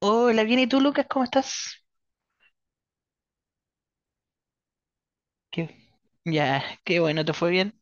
Hola, bien, ¿y tú, Lucas? ¿Cómo estás? Qué- Ya, qué bueno, ¿te fue bien?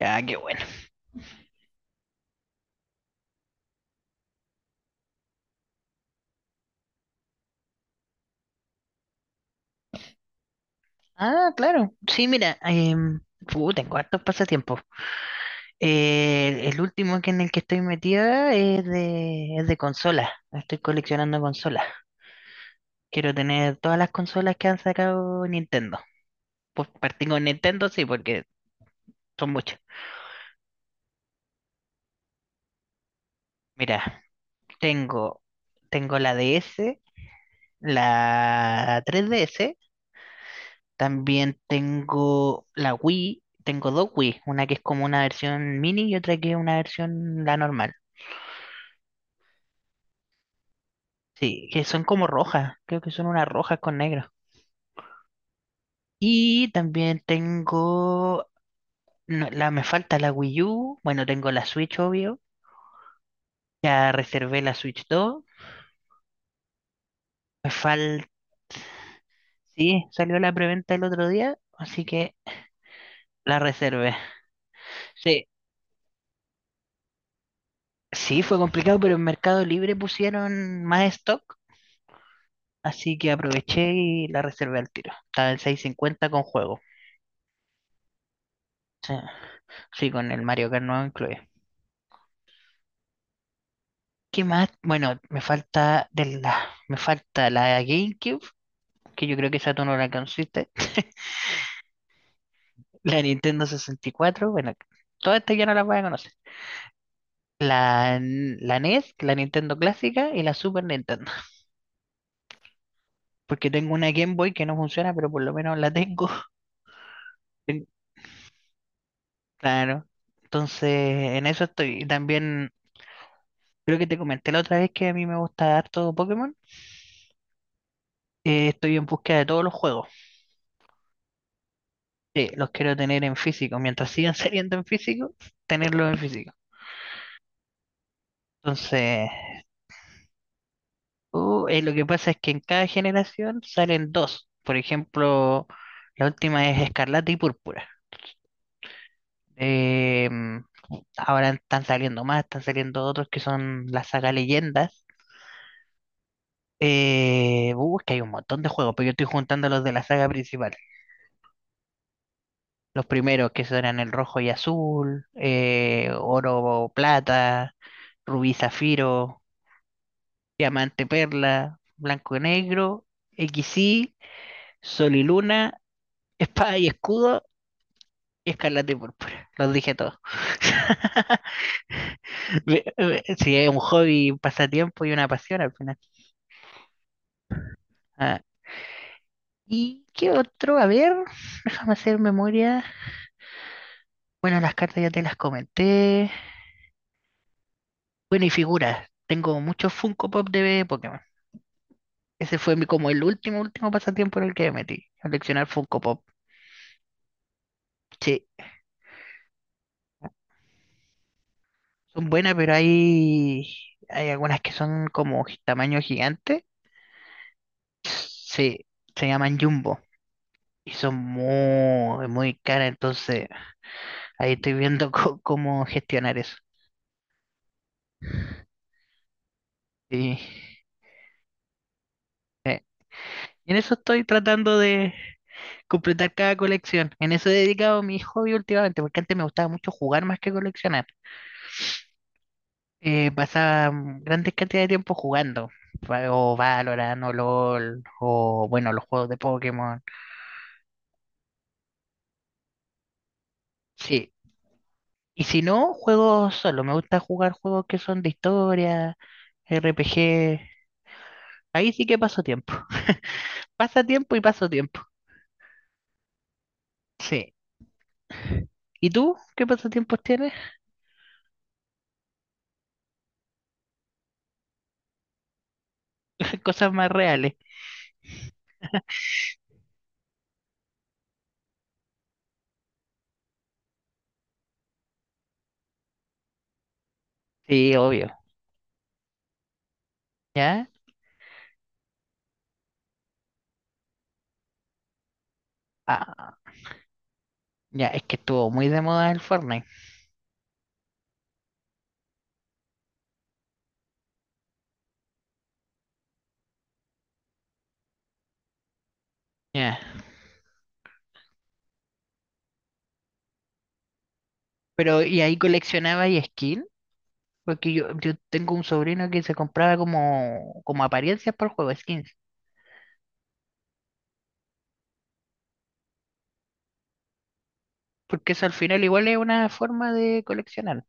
Ya, qué bueno. Ah, claro. Sí, mira, tengo hartos pasatiempos. El último que en el que estoy metida es de consolas. Estoy coleccionando consolas. Quiero tener todas las consolas que han sacado Nintendo. Pues partí con Nintendo, sí, porque son muchas. Mira, tengo, tengo la DS, la 3DS. También tengo la Wii, tengo dos Wii, una que es como una versión mini y otra que es una versión la normal. Sí, que son como rojas, creo que son unas rojas con negro. Y también tengo, no, me falta la Wii U, bueno, tengo la Switch, obvio, ya reservé la Switch 2 me falta, sí, salió la preventa el otro día, así que la reservé. Sí, sí, fue complicado, pero en Mercado Libre pusieron más stock. Así que aproveché y la reservé al tiro. Estaba en 650 con juego. O sea, sí, con el Mario Kart nuevo incluye. ¿Qué más? Bueno, me falta la GameCube, que yo creo que esa tú no la conociste. La Nintendo 64 bueno, todas estas ya no las voy a conocer. La NES, la Nintendo clásica y la Super Nintendo. Porque tengo una Game Boy que no funciona, pero por lo menos la tengo. Claro. Entonces, en eso estoy. Y también. Creo que te comenté la otra vez que a mí me gusta harto Pokémon. Estoy en búsqueda de todos los juegos. Los quiero tener en físico. Mientras sigan saliendo en físico, tenerlos en físico. Entonces, lo que pasa es que en cada generación salen dos. Por ejemplo, la última es Escarlata y Púrpura. Em, ahora están saliendo más, están saliendo otros que son la saga Leyendas. Es que hay un montón de juegos, pero yo estoy juntando los de la saga principal. Los primeros que eran el rojo y azul, oro, plata, rubí, zafiro, diamante, perla, blanco y negro, equis y sol y luna, espada y escudo y escarlata y púrpura. Los dije todos. Sí, es un hobby, un pasatiempo y una pasión al final. Ah, ¿y qué otro? A ver, déjame hacer memoria. Bueno, las cartas ya te las comenté. Bueno, y figuras. Tengo muchos Funko Pop de Pokémon. Ese fue mi, como el último, último pasatiempo en el que me metí. Coleccionar Funko Pop. Sí, son buenas, pero hay algunas que son como tamaño gigante. Sí, se llaman Jumbo. Y son muy, muy caras. Entonces, ahí estoy viendo cómo gestionar eso. Y, y en eso estoy tratando de completar cada colección. En eso he dedicado mi hobby últimamente, porque antes me gustaba mucho jugar más que coleccionar. Pasaba grandes cantidades de tiempo jugando, o Valorant, o LOL, o bueno, los juegos de Pokémon. Sí, y si no, juego solo, me gusta jugar juegos que son de historia, RPG, ahí sí que paso tiempo. Pasa tiempo y paso tiempo, sí. ¿Y tú qué pasatiempos tienes? Cosas más reales. Sí, obvio, ¿ya? Ah, ya, es que estuvo muy de moda el Fortnite, ya. Pero, ¿y ahí coleccionabas y skin? Porque yo tengo un sobrino que se compraba como apariencias para el juego, skins. Porque eso al final igual es una forma de coleccionar.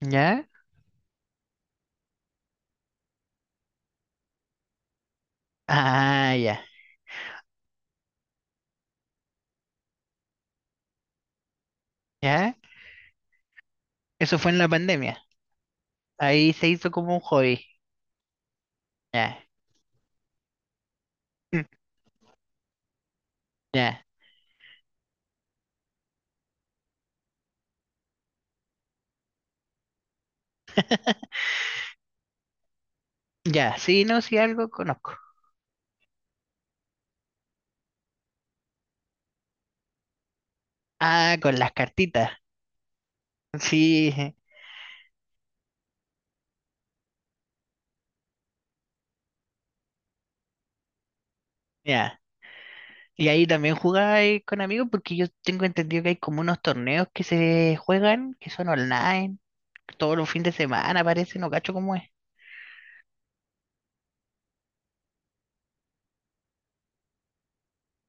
¿Ya? Ah, ya. ¿Ya? Eso fue en la pandemia. Ahí se hizo como un hobby. Ya. Mm. Ya. Ya. Sí, no, sí, algo conozco. Ah, con las cartitas. Sí, ya. Y ahí también jugáis con amigos porque yo tengo entendido que hay como unos torneos que se juegan, que son online, todos los fines de semana, parece, no cacho cómo es.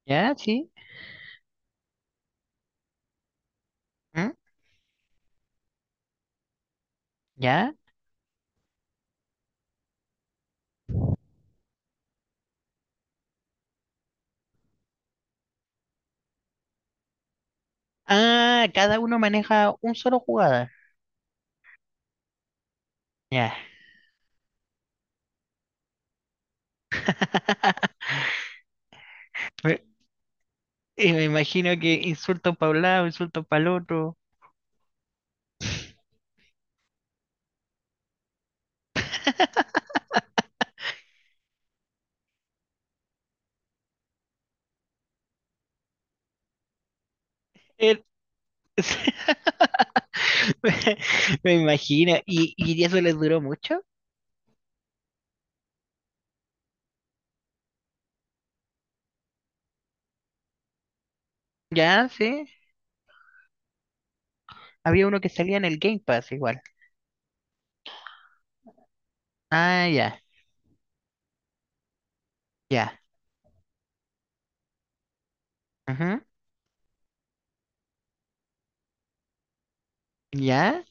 ¿Ya? Sí. ¿Mm? ¿Ya? Ah, cada uno maneja un solo jugada. Ya. Me, y me imagino que insulto para un lado, insulto para el otro. El- Me, me imagino. ¿Y eso les duró mucho? Ya, sí. Había uno que salía en el Game Pass igual. Ah, ya, ya. Ujú, ya,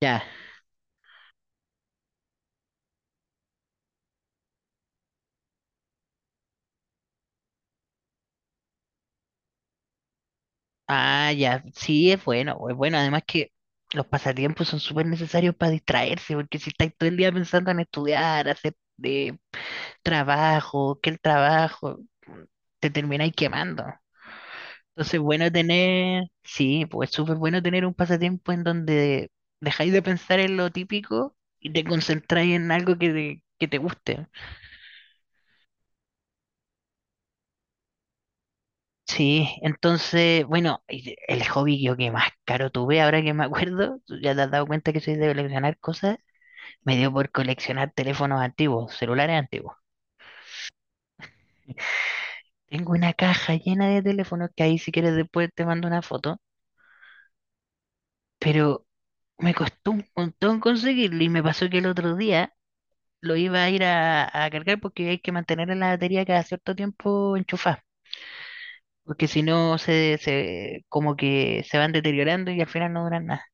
ya. Ah, ya, sí, es bueno, es bueno. Además que los pasatiempos son súper necesarios para distraerse, porque si estáis todo el día pensando en estudiar, hacer eh, trabajo, que el trabajo, mm, te termináis quemando. Entonces, sí, pues súper bueno tener un pasatiempo en donde dejáis de pensar en lo típico y te concentráis en algo que te guste. Sí, entonces, bueno, y el hobby yo que más caro tuve, ahora que me acuerdo, ya te has dado cuenta que soy de coleccionar cosas. Me dio por coleccionar teléfonos antiguos, celulares antiguos. Tengo una caja llena de teléfonos que ahí si quieres después te mando una foto, pero me costó un montón conseguirlo y me pasó que el otro día lo iba a ir a cargar porque hay que mantener la batería cada cierto tiempo enchufada, porque si no se como que se van deteriorando y al final no duran nada.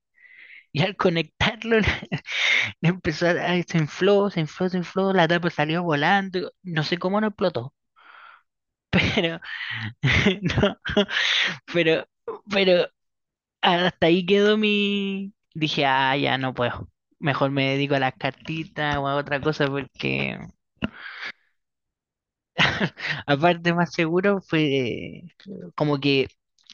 Y al conectarlo le empezó ay, se infló, se infló, se infló, la tapa salió volando, no sé cómo no explotó, pero no. Pero, pero hasta ahí quedó mi... Dije, ah, ya no puedo. Mejor me dedico a las cartitas o a otra cosa porque aparte más seguro fue como que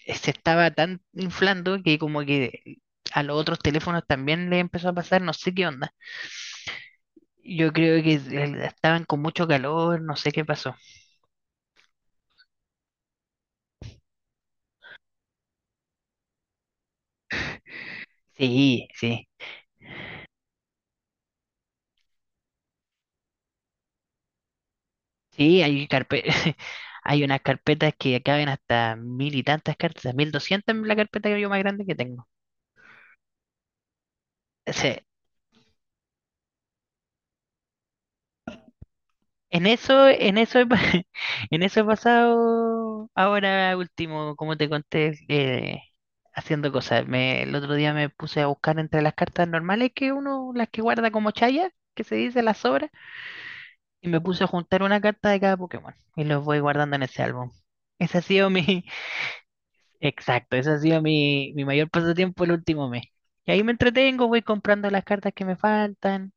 se estaba tan inflando que como que a los otros teléfonos también le empezó a pasar, no sé qué onda. Yo creo que estaban con mucho calor, no sé qué pasó. Sí, sí, sí, hay hay unas carpetas que caben hasta mil y tantas cartas, 1200 en la carpeta que yo más grande que tengo. Sí, en eso he, pa- en eso he pasado ahora último, como te conté, haciendo cosas. El otro día me puse a buscar entre las cartas normales que uno, las que guarda como chaya, que se dice las sobras, y me puse a juntar una carta de cada Pokémon y los voy guardando en ese álbum. Ese ha sido mi, exacto, ese ha sido mi mayor pasatiempo el último mes. Y ahí me entretengo, voy comprando las cartas que me faltan,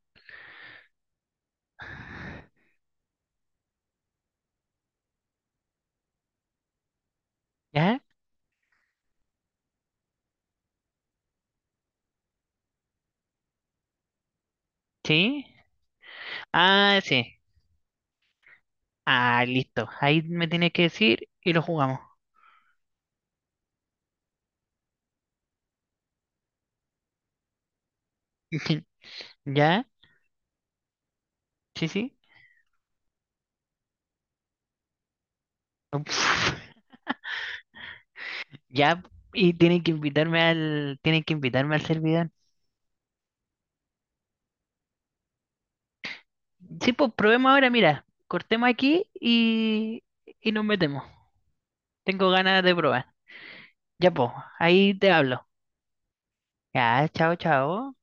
¿ya? ¿Sí? Ah, sí. Ah, listo. Ahí me tienes que decir y lo jugamos. ¿Ya? Sí, sí. Uf, ya, y tienen que invitarme al servidor. Sí, pues probemos ahora, mira, cortemos aquí y nos metemos. Tengo ganas de probar. Ya, pues, ahí te hablo. Ya, chao, chao.